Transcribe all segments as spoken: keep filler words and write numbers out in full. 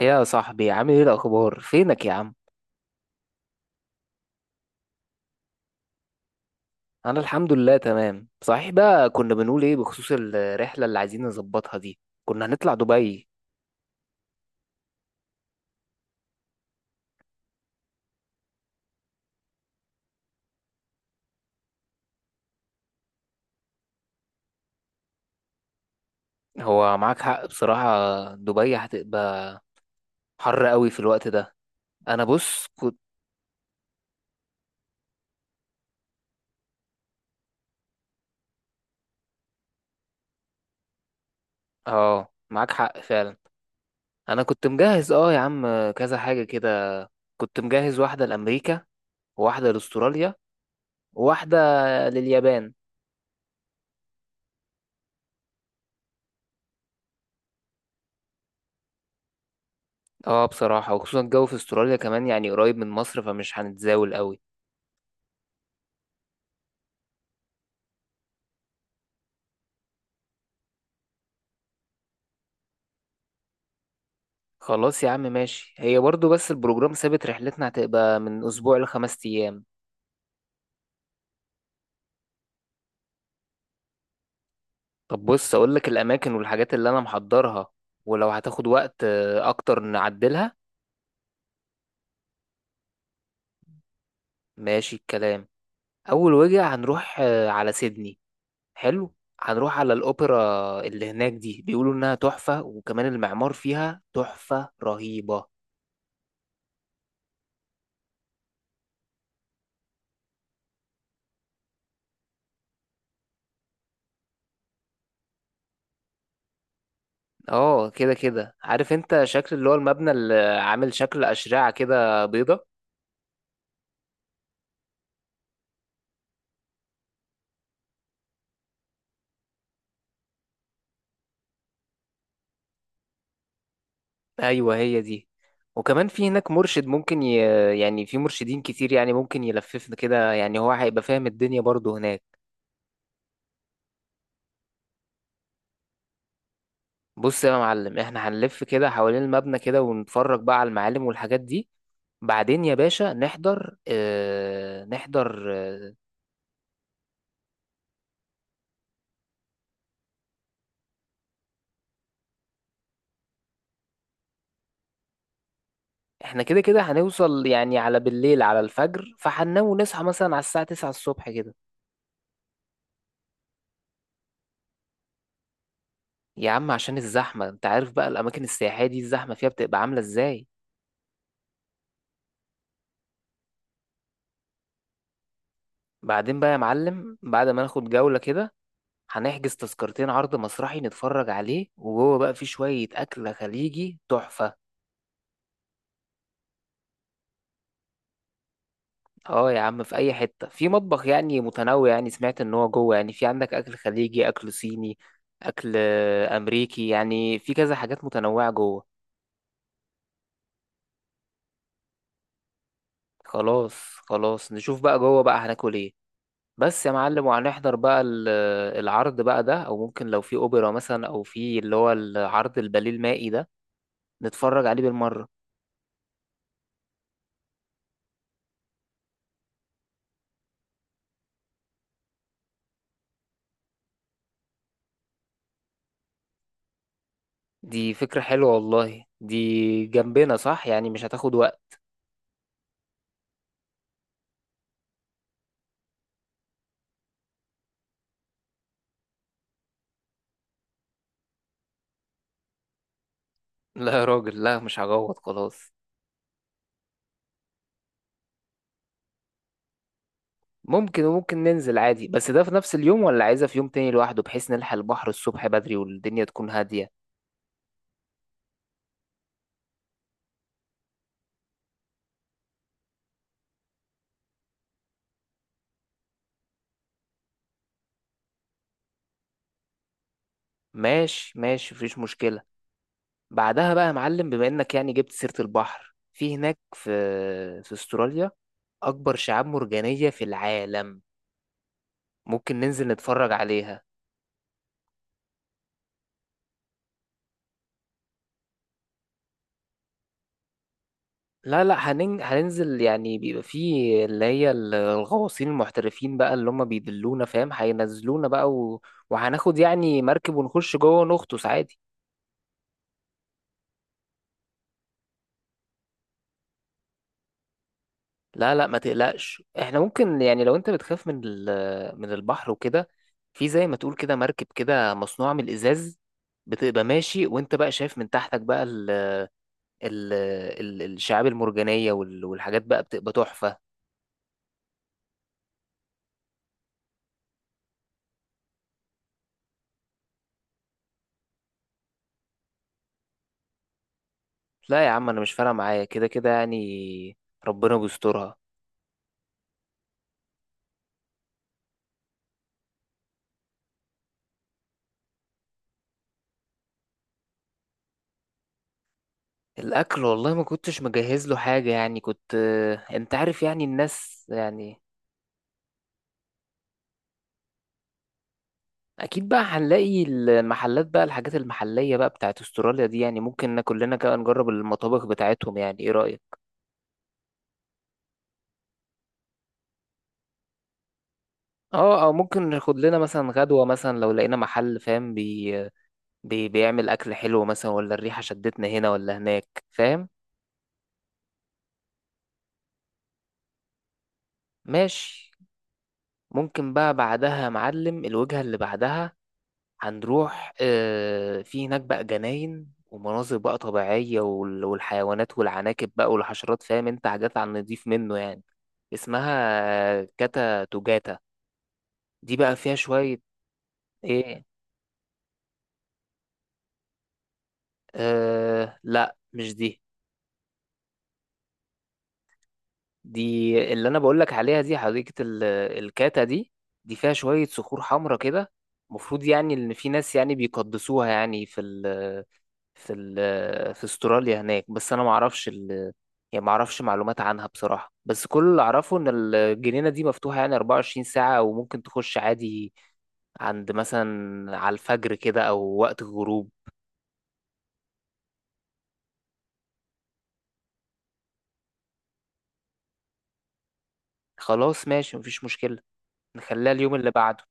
إيه يا صاحبي، عامل ايه؟ الاخبار فينك يا عم؟ انا الحمد لله تمام. صحيح بقى، كنا بنقول ايه بخصوص الرحله اللي عايزين نظبطها دي؟ كنا هنطلع دبي. هو معاك حق بصراحه، دبي هتبقى حر قوي في الوقت ده. انا بص كنت. اه، معاك حق فعلا. انا كنت مجهز اه يا عم كذا حاجه كده. كنت مجهز واحده لامريكا، وواحده لاستراليا، وواحده لليابان. اه بصراحه، وخصوصا الجو في استراليا كمان يعني قريب من مصر فمش هنتزاول قوي. خلاص يا عم ماشي، هي برضو بس البروجرام ثابت، رحلتنا هتبقى من اسبوع لخمس ايام. طب بص اقول لك الاماكن والحاجات اللي انا محضرها، ولو هتاخد وقت آه، اكتر نعدلها. ماشي الكلام. اول وجهة هنروح آه، على سيدني. حلو. هنروح على الاوبرا، اللي هناك دي بيقولوا انها تحفة، وكمان المعمار فيها تحفة رهيبة. اه، كده كده عارف انت شكل اللي هو المبنى اللي عامل شكل اشرعة كده بيضة. ايوه هي دي. وكمان في هناك مرشد، ممكن ي... يعني في مرشدين كتير يعني ممكن يلففنا كده، يعني هو هيبقى فاهم الدنيا برضه هناك. بص يا معلم، احنا هنلف كده حوالين المبنى كده ونتفرج بقى على المعالم والحاجات دي. بعدين يا باشا، نحضر اه... نحضر اه... احنا كده كده هنوصل يعني على بالليل على الفجر، فهننام ونصحى مثلا على الساعة تسعة الصبح كده. يا عم عشان الزحمة، انت عارف بقى الأماكن السياحية دي الزحمة فيها بتبقى عاملة ازاي. بعدين بقى يا معلم، بعد ما ناخد جولة كده، هنحجز تذكرتين عرض مسرحي نتفرج عليه، وجوه بقى في شوية أكل خليجي تحفة. اه يا عم، في أي حتة في مطبخ يعني متنوع، يعني سمعت إن هو جوه يعني في عندك أكل خليجي، أكل صيني، أكل آه، أمريكي، يعني في كذا حاجات متنوعة جوه. خلاص، خلاص، نشوف بقى جوه بقى هناكل إيه. بس يا معلم، وهنحضر بقى ال- العرض بقى ده، أو ممكن لو في أوبرا مثلا، أو في اللي هو العرض الباليه المائي ده، نتفرج عليه بالمرة. دي فكرة حلوة والله، دي جنبنا صح يعني مش هتاخد وقت. لا يا راجل، لا مش هجوط خلاص. ممكن، وممكن ننزل عادي، بس ده في نفس اليوم ولا عايزة في يوم تاني لوحده بحيث نلحق البحر الصبح بدري والدنيا تكون هادية؟ ماشي، ماشي، مفيش مشكلة. بعدها بقى يا معلم، بما انك يعني جبت سيرة البحر في هناك، في في استراليا أكبر شعاب مرجانية في العالم، ممكن ننزل نتفرج عليها. لا لا، هنن... هننزل يعني، بيبقى فيه اللي هي ال- الغواصين المحترفين بقى اللي هم بيدلونا، فاهم؟ هينزلونا بقى و... وهناخد يعني مركب ونخش جوه ونغطس عادي. لا لا، ما تقلقش. احنا ممكن يعني لو انت بتخاف من ال... من البحر وكده، في زي ما تقول كده مركب كده مصنوعة من الإزاز، بتبقى ماشي وانت بقى شايف من تحتك بقى ال... ال... ال... الشعاب المرجانية وال... والحاجات بقى بتبقى تحفة. لا يا عم، انا مش فارقة معايا كده كده يعني، ربنا بيسترها. الاكل والله ما كنتش مجهز له حاجه، يعني كنت، انت عارف يعني الناس يعني. اكيد بقى هنلاقي المحلات بقى، الحاجات المحليه بقى بتاعت استراليا دي، يعني ممكن ناكل لنا كده، نجرب المطابخ بتاعتهم، يعني ايه رايك؟ اه، او ممكن ناخد لنا مثلا غدوه مثلا، لو لقينا محل فاهم بي... بي... بيعمل اكل حلو مثلا، ولا الريحه شدتنا هنا ولا هناك، فاهم؟ ماشي. ممكن بقى بعدها يا معلم الوجهه اللي بعدها، هنروح آه، في هناك بقى جناين ومناظر بقى طبيعية وال- والحيوانات والعناكب بقى والحشرات، فاهم؟ انت حاجات على النضيف منه يعني، اسمها كاتا توجاتا. دي بقى فيها شوية. ايه؟ آه لا، مش دي. دي اللي انا بقولك عليها دي حديقة ال- الكاتا دي، دي فيها شوية صخور حمرا كده، المفروض يعني ان في ناس يعني بيقدسوها يعني في ال في ال- في استراليا هناك، بس انا ما اعرفش ال... يعني ما اعرفش معلومات عنها بصراحة. بس كل اللي اعرفه ان الجنينة دي مفتوحة يعني أربعة وعشرين ساعة، وممكن تخش عادي عند مثلا على الفجر كده او وقت الغروب. خلاص ماشي، مفيش مشكلة. نخليها اليوم اللي بعده.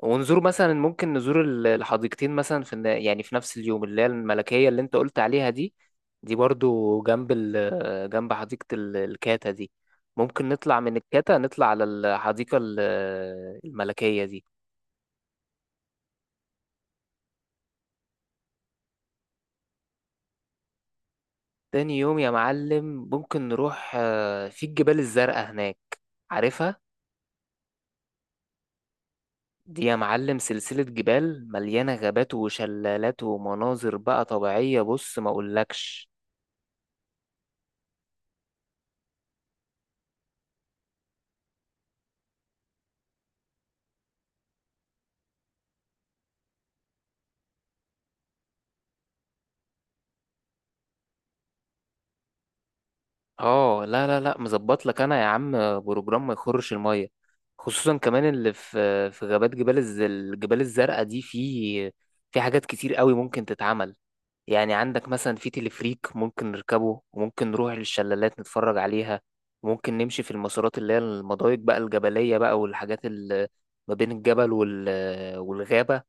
ونزور مثلا، ممكن نزور ال- الحديقتين مثلا في الن- يعني في نفس اليوم، اللي هي الملكية اللي انت قلت عليها دي. دي برضو جنب ال جنب حديقة ال- الكاتا دي. ممكن نطلع من الكاتا نطلع على الحديقة ال- الملكية دي. تاني يوم يا معلم، ممكن نروح آه، في الجبال الزرقاء هناك، عارفها؟ دي يا معلم سلسلة جبال مليانة غابات وشلالات ومناظر بقى طبيعية، بص ما اقولكش. اه لا لا لا، مظبط لك انا يا عم بروجرام ما يخرش الميه. خصوصا كمان اللي في في غابات جبال الز- الجبال الزرقاء دي، في في حاجات كتير قوي ممكن تتعمل. يعني عندك مثلا في تلفريك ممكن نركبه، وممكن نروح للشلالات نتفرج عليها. ممكن نمشي في المسارات اللي هي المضايق بقى الجبلية بقى والحاجات اللي ما بين الجبل وال والغابة،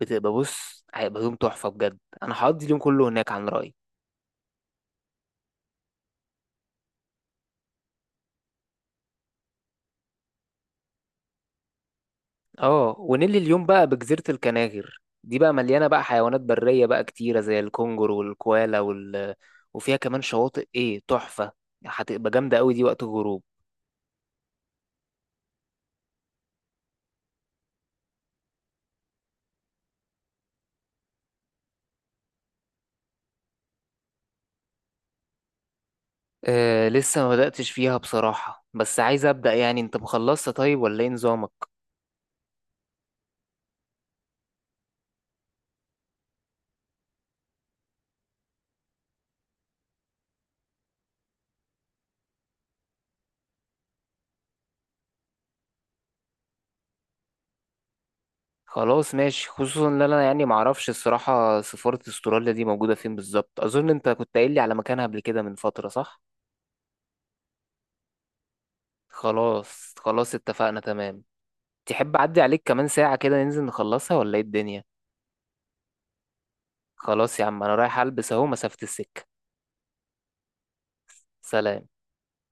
بتبقى بص هيبقى يوم تحفة بجد. انا هقضي اليوم كله هناك عن رأيي. اه، ونيلي اليوم بقى بجزيرة الكناغر دي بقى مليانة بقى حيوانات برية بقى كتيرة زي الكونجر والكوالا وال... وفيها كمان شواطئ ايه تحفة، هتبقى جامدة قوي دي وقت الغروب. آه، لسه ما بدأتش فيها بصراحة، بس عايز أبدأ. يعني انت مخلصت طيب؟ ولا ايه نظامك؟ خلاص ماشي، خصوصا ان انا يعني معرفش الصراحة سفارة استراليا دي موجودة فين بالظبط. اظن انت كنت قايل لي على مكانها قبل كده من فترة، صح؟ خلاص، خلاص، اتفقنا تمام. تحب أعدي عليك كمان ساعة كده ننزل نخلصها، ولا ايه الدنيا؟ خلاص يا عم، انا رايح البس اهو مسافة السكة. سلام.